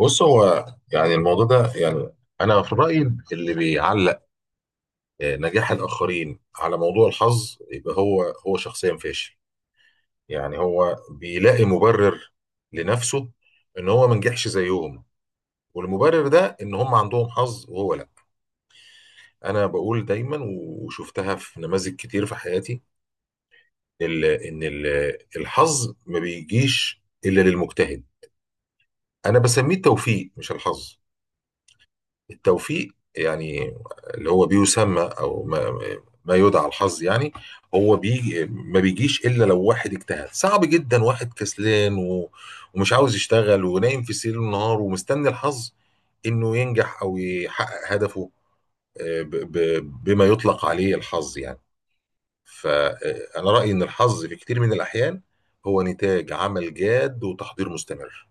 بص، هو يعني الموضوع ده يعني، انا في رايي اللي بيعلق نجاح الاخرين على موضوع الحظ يبقى هو شخصيا فاشل. يعني هو بيلاقي مبرر لنفسه ان هو ما نجحش زيهم، والمبرر ده ان هم عندهم حظ وهو لا. انا بقول دايما وشفتها في نماذج كتير في حياتي، الحظ ما بيجيش الا للمجتهد. انا بسميه التوفيق مش الحظ. التوفيق يعني اللي هو بيسمى او ما, ما يدعى الحظ يعني، هو ما بيجيش الا لو واحد اجتهد، صعب جدا واحد كسلان ومش عاوز يشتغل ونايم في سرير النهار ومستني الحظ انه ينجح او يحقق هدفه، آه، ب- بما يطلق عليه الحظ يعني. فانا رايي ان الحظ في كتير من الاحيان هو نتاج عمل جاد وتحضير مستمر.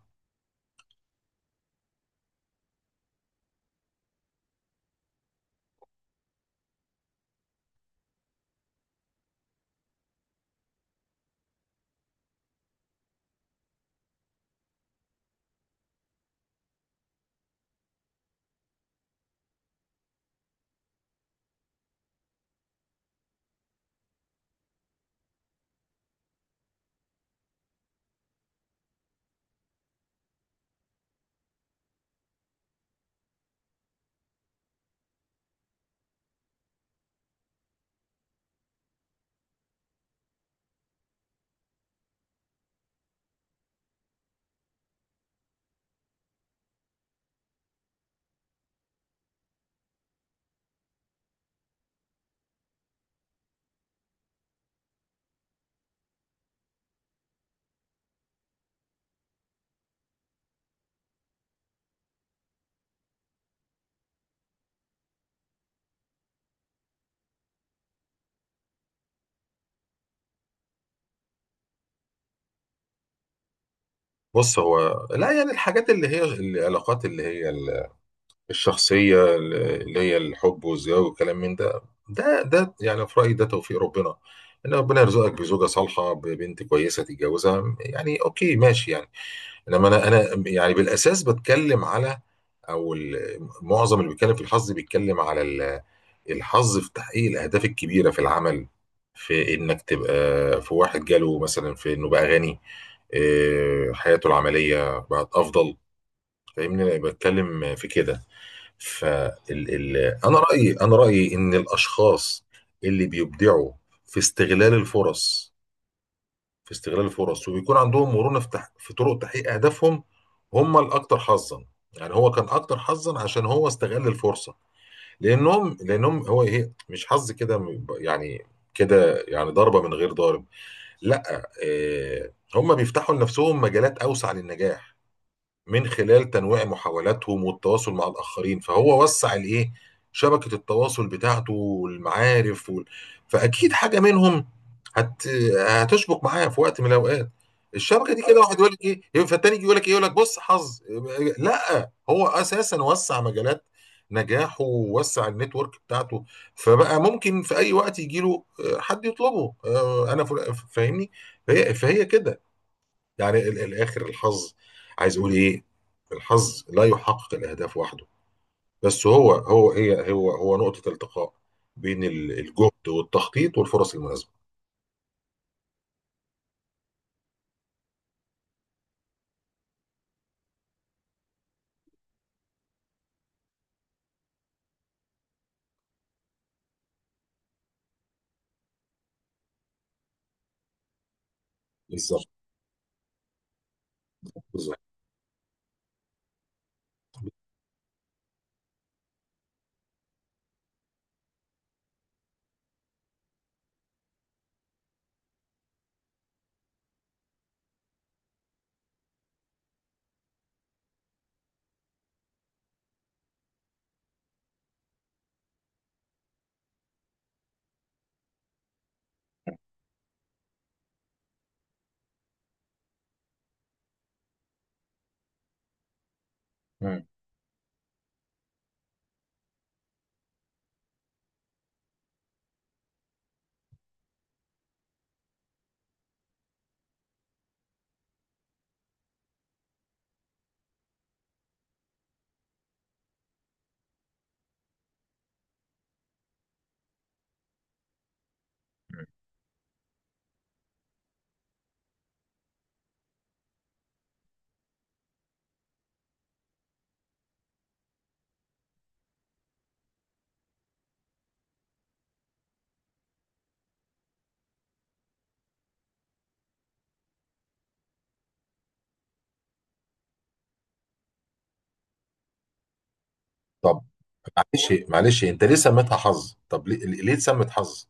بص، هو لا يعني الحاجات اللي هي العلاقات اللي هي الشخصية اللي هي الحب والزواج والكلام من ده، ده يعني في رأيي ده توفيق ربنا، إن ربنا يرزقك بزوجة صالحة ببنت كويسة تتجوزها، يعني أوكي ماشي يعني. إنما أنا يعني بالأساس بتكلم على معظم اللي بيتكلم في الحظ بيتكلم على الحظ في تحقيق الأهداف الكبيرة في العمل، في إنك تبقى، في واحد جاله مثلا، في إنه بقى غني، حياته العملية بقت أفضل. فاهمني أنا بتكلم في كده. فال ال... انا رايي، ان الاشخاص اللي بيبدعوا في استغلال الفرص، وبيكون عندهم مرونه في طرق تحقيق اهدافهم، هم الاكثر حظا. يعني هو كان اكتر حظا عشان هو استغل الفرصه. لانهم لانهم هو ايه، مش حظ كده يعني، كده يعني ضربه من غير ضارب. لا، آه، هم بيفتحوا لنفسهم مجالات اوسع للنجاح من خلال تنويع محاولاتهم والتواصل مع الآخرين، فهو وسع الإيه، شبكة التواصل بتاعته والمعارف فأكيد حاجة منهم هت... هتشبك معاه في وقت من الأوقات. الشبكة دي كده، واحد يقول لك إيه فالتاني يجي يقول لك إيه، يقول لك بص حظ. لا، هو أساسا وسع مجالات نجاحه ووسع النتورك بتاعته، فبقى ممكن في أي وقت يجي له حد يطلبه. أنا فاهمني. فهي كده يعني الاخر الحظ. عايز اقول ايه، الحظ لا يحقق الاهداف وحده، بس هو هو هي هو هو نقطة التقاء بين الجهد والتخطيط والفرص المناسبة. بالظبط، بالظبط. طب، معلش معلش، انت ليه سميتها حظ؟ طب ليه، ليه اتسمت حظ؟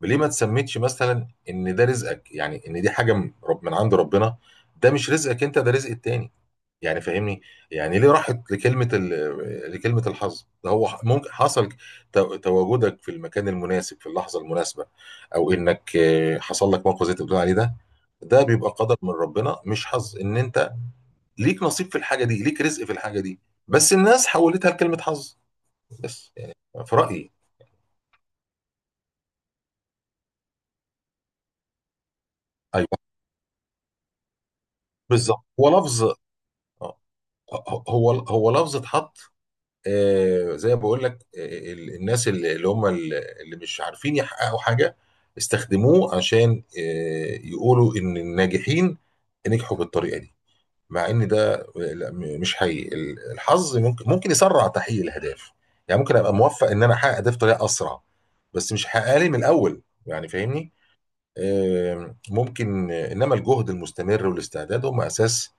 ليه ما تسميتش مثلا ان ده رزقك، يعني ان دي حاجة من عند ربنا؟ ده مش رزقك انت، ده رزق التاني، يعني فاهمني. يعني ليه راحت لكلمة لكلمة الحظ؟ ده هو ممكن حصل تواجدك في المكان المناسب في اللحظة المناسبة، او انك حصل لك موقف زي اللي بتقول عليه ده، ده بيبقى قدر من ربنا مش حظ. ان انت ليك نصيب في الحاجة دي، ليك رزق في الحاجة دي، بس الناس حولتها لكلمة حظ. بس يعني، في رأيي. ايوه بالظبط، هو لفظ. آه، هو لفظ اتحط، زي ما بقول لك، الناس اللي مش عارفين يحققوا حاجة استخدموه عشان يقولوا إن الناجحين نجحوا بالطريقة دي، مع إن ده لا، مش حقيقي. الحظ ممكن يسرع تحقيق الأهداف، يعني ممكن أبقى موفق إن أنا أحقق ده بطريقة أسرع، بس مش هحققها لي من الأول يعني فاهمني. آه، ممكن آه، إنما الجهد المستمر والاستعداد هم أساس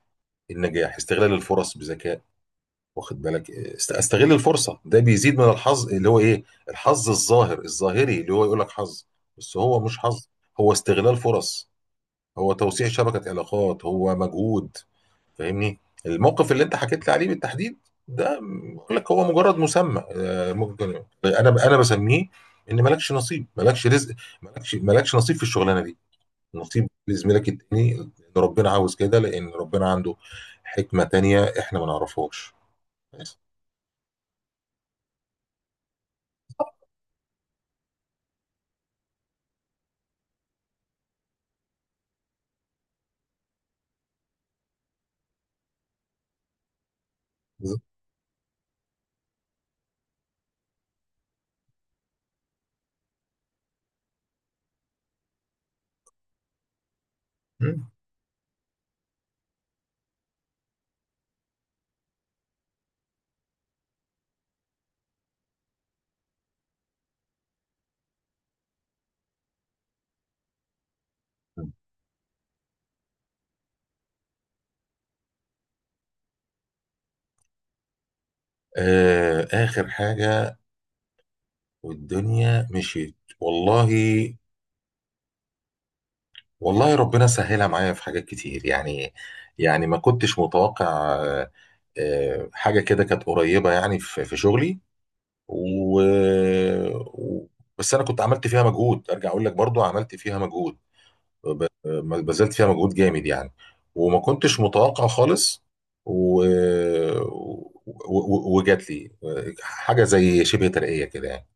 النجاح، استغلال الفرص بذكاء. واخد بالك، استغل الفرصه ده بيزيد من الحظ، اللي هو ايه، الحظ الظاهر الظاهري اللي هو يقول لك حظ، بس هو مش حظ، هو استغلال فرص، هو توسيع شبكه علاقات، هو مجهود، فاهمني. الموقف اللي انت حكيت لي عليه بالتحديد ده بقول لك هو مجرد مسمى. ممكن انا بسميه ان مالكش نصيب، مالكش رزق، مالكش نصيب في الشغلانه دي، نصيب لزميلك التاني لأن ربنا عاوز كده، لان ربنا عنده حكمه تانيه احنا ما نعرفهاش. بس. مم. آه، آخر حاجة والدنيا مشيت، والله، والله ربنا سهلها معايا في حاجات كتير يعني. يعني ما كنتش متوقع آه حاجة كده كانت قريبة يعني في شغلي. و... و- بس أنا كنت عملت فيها مجهود، أرجع أقول لك برضو عملت فيها مجهود، ما بذلت فيها مجهود جامد يعني، وما كنتش متوقع خالص، و... و... وجات لي حاجة زي شبه ترقية كده يعني.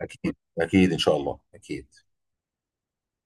اكيد اكيد ان شاء الله اكيد.